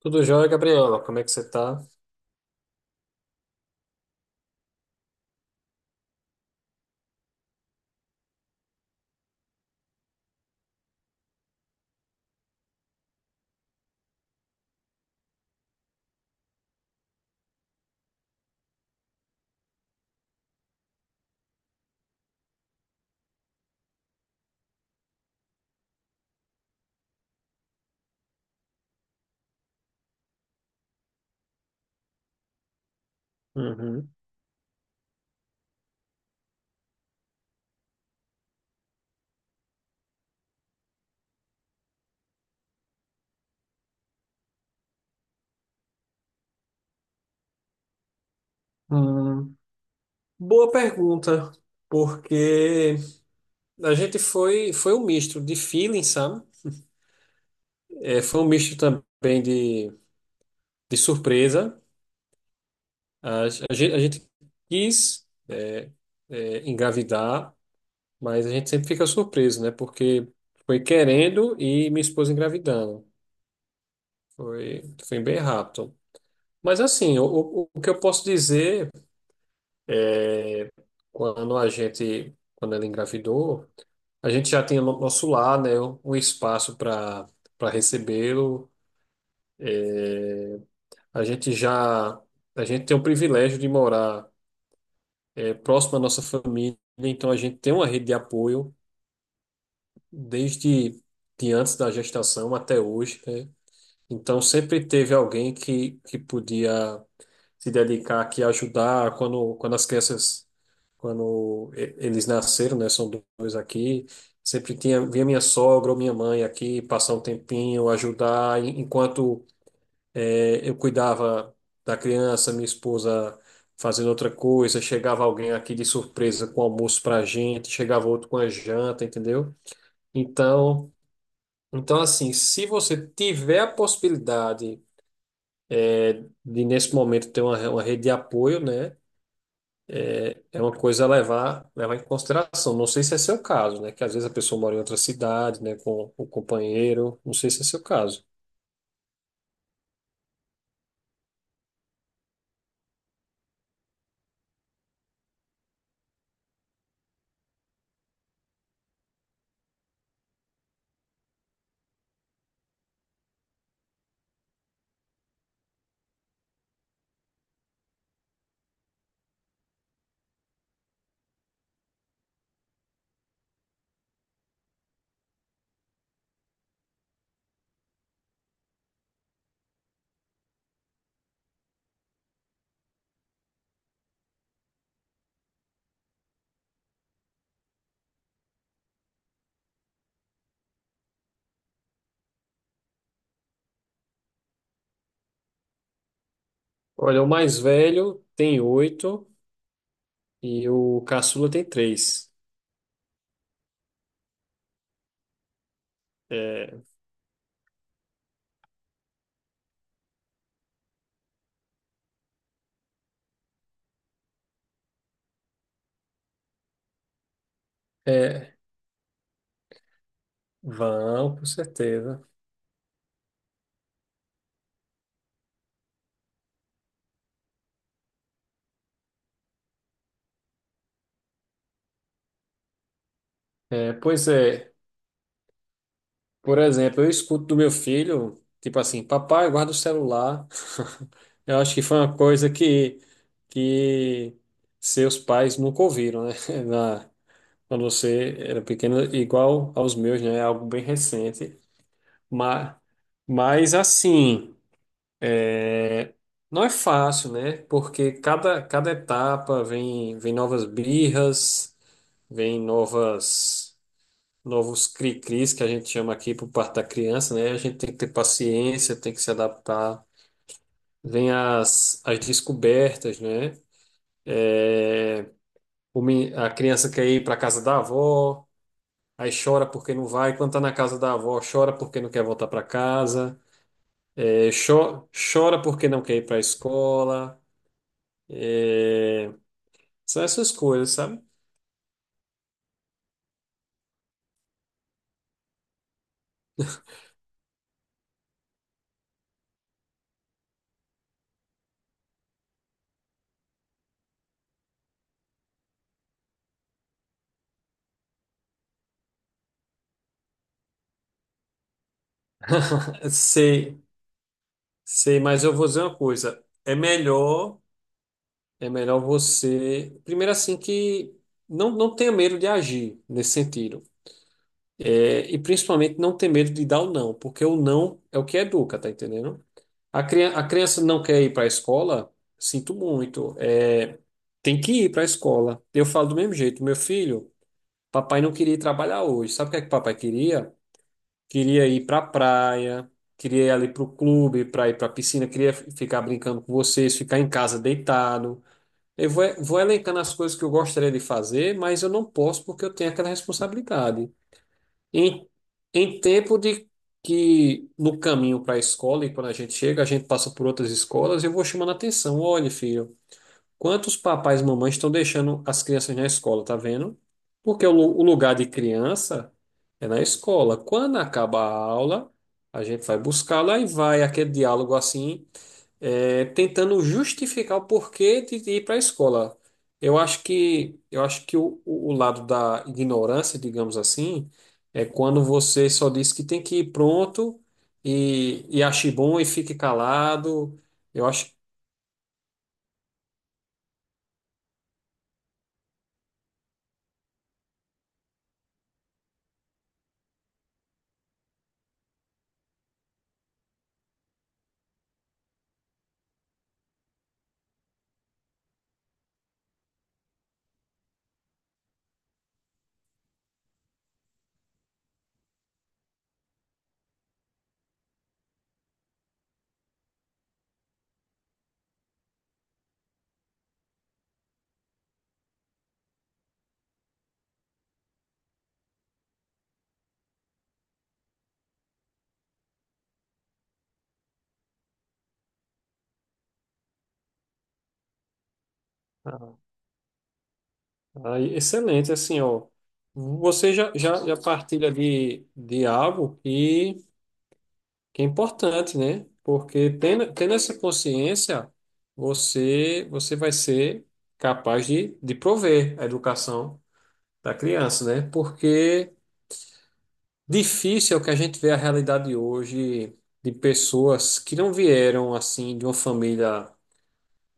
Tudo jóia, Gabriela? Como é que você tá? Uhum. Hum, boa pergunta, porque a gente foi um misto de feeling, sabe? É, foi um misto também de surpresa. A gente quis engravidar, mas a gente sempre fica surpreso, né? Porque foi querendo e minha esposa engravidando. Foi bem rápido. Mas assim, o que eu posso dizer. É, quando ela engravidou, a gente já tinha no nosso lar, né, um espaço para recebê-lo. É, a gente já, a gente tem o privilégio de morar próximo à nossa família, então a gente tem uma rede de apoio desde de antes da gestação até hoje, né? Então sempre teve alguém que podia se dedicar aqui a ajudar quando eles nasceram, né? São dois aqui. Sempre tinha, vinha minha sogra ou minha mãe aqui passar um tempinho, ajudar, enquanto eu cuidava da criança, minha esposa fazendo outra coisa, chegava alguém aqui de surpresa com almoço pra gente, chegava outro com a janta, entendeu? Então, então assim, se você tiver a possibilidade é de nesse momento ter uma rede de apoio, né? É uma coisa a levar em consideração. Não sei se é seu caso, né? Que às vezes a pessoa mora em outra cidade, né? Com o companheiro. Não sei se é seu caso. Olha, o mais velho tem 8 e o caçula tem 3. É, é, vão, com certeza. É, pois é. Por exemplo, eu escuto do meu filho, tipo assim, papai, guarda o celular. Eu acho que foi uma coisa que seus pais nunca ouviram, né? Na, quando você era pequeno, igual aos meus, né? É algo bem recente. Mas, mas assim, é, não é fácil, né? Porque cada etapa vem novas birras, vem novos cri-cris que a gente chama aqui por parte da criança, né? A gente tem que ter paciência, tem que se adaptar. Vem as descobertas, né? É, a criança quer ir para a casa da avó, aí chora porque não vai. Quando está na casa da avó, chora porque não quer voltar para casa, chora porque não quer ir para a escola. É, são essas coisas, sabe? Sei, sei, mas eu vou dizer uma coisa. É melhor você, primeiro assim que não tenha medo de agir nesse sentido. E principalmente não ter medo de dar o não, porque o não é o que educa, tá entendendo? A criança não quer ir para a escola? Sinto muito. Tem que ir para a escola. Eu falo do mesmo jeito. Meu filho, papai não queria ir trabalhar hoje. Sabe o que é que papai queria? Queria ir para a praia, queria ir ali para o clube, para ir para a piscina, queria ficar brincando com vocês, ficar em casa deitado. Eu vou elencando as coisas que eu gostaria de fazer, mas eu não posso porque eu tenho aquela responsabilidade. Em, em tempo de que no caminho para a escola e quando a gente chega, a gente passa por outras escolas, eu vou chamando a atenção. Olha, filho. Quantos papais e mamães estão deixando as crianças na escola, tá vendo? Porque o lugar de criança é na escola. Quando acaba a aula, a gente vai buscá-la e vai aquele diálogo assim, é, tentando justificar o porquê de ir para a escola. Eu acho que o lado da ignorância, digamos assim, é quando você só diz que tem que ir pronto e ache bom e fique calado. Eu acho. Ah, excelente, assim, ó. Você já partilha de algo que é importante, né? Porque tendo essa consciência, você vai ser capaz de prover a educação da criança, né? Porque difícil é o que a gente vê a realidade hoje de pessoas que não vieram, assim, de uma família,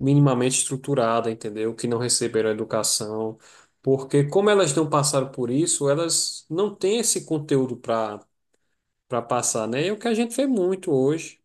minimamente estruturada, entendeu? Que não receberam educação, porque como elas não passaram por isso, elas não têm esse conteúdo para passar, né? É o que a gente vê muito hoje.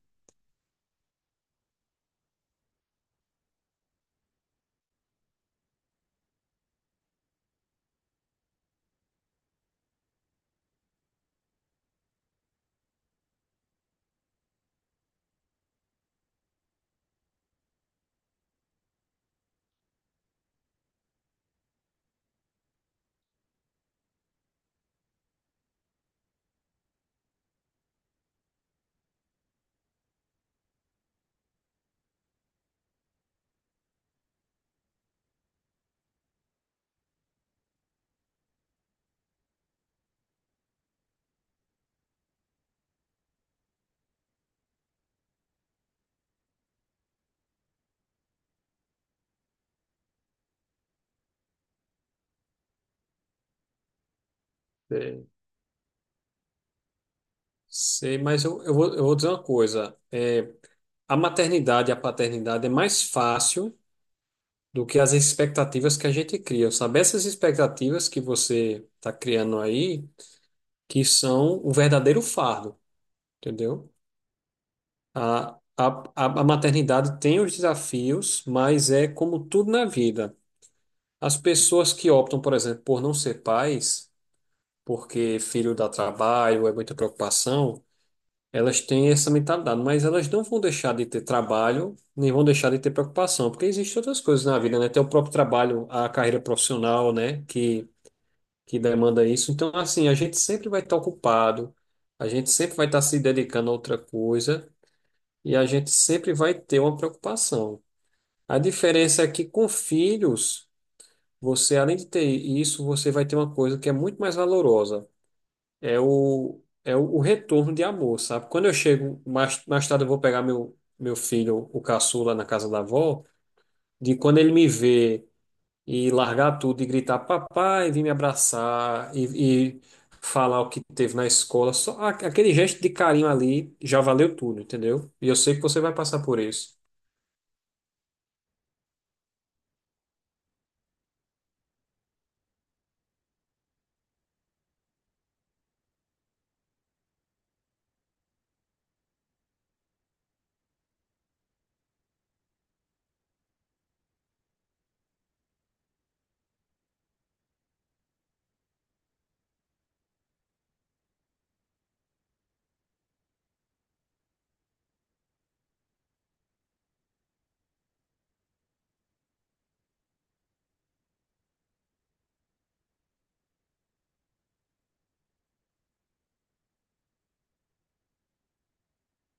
É, sei, mas eu, eu vou dizer uma coisa. A maternidade e a paternidade é mais fácil do que as expectativas que a gente cria, sabe? Essas expectativas que você está criando aí, que são o verdadeiro fardo, entendeu? A, a, a maternidade tem os desafios, mas é como tudo na vida. As pessoas que optam, por exemplo, por não ser pais, porque filho dá trabalho, é muita preocupação, elas têm essa mentalidade, mas elas não vão deixar de ter trabalho, nem vão deixar de ter preocupação, porque existem outras coisas na vida, né? Tem o próprio trabalho, a carreira profissional, né? Que demanda isso. Então, assim, a gente sempre vai estar ocupado, a gente sempre vai estar se dedicando a outra coisa e a gente sempre vai ter uma preocupação. A diferença é que com filhos, você, além de ter isso, você vai ter uma coisa que é muito mais valorosa. É o retorno de amor, sabe? Quando eu chego, mais tarde eu vou pegar meu filho, o caçula, na casa da avó, de quando ele me vê e largar tudo e gritar papai, vir me abraçar e falar o que teve na escola, só aquele gesto de carinho ali já valeu tudo, entendeu? E eu sei que você vai passar por isso.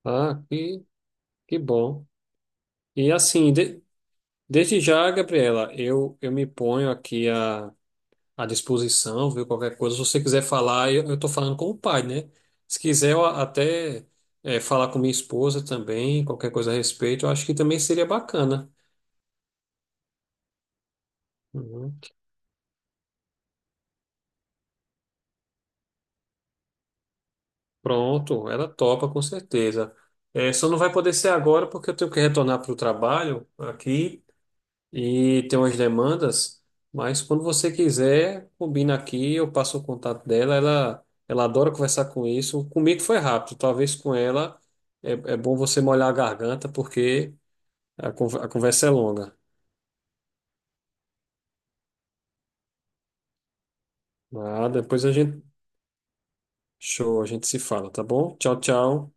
Ah, que bom. E assim, desde já, Gabriela, eu me ponho aqui à disposição, viu? Qualquer coisa, se você quiser falar, eu tô falando com o pai, né? Se quiser eu até falar com minha esposa também, qualquer coisa a respeito, eu acho que também seria bacana. Uhum. Pronto, ela topa com certeza. Só não vai poder ser agora porque eu tenho que retornar para o trabalho aqui. E tem umas demandas, mas quando você quiser, combina aqui, eu passo o contato dela, ela adora conversar com isso. Comigo foi rápido, talvez com ela é bom você molhar a garganta, porque a conversa é longa. Ah, depois a gente, show, a gente se fala, tá bom? Tchau, tchau.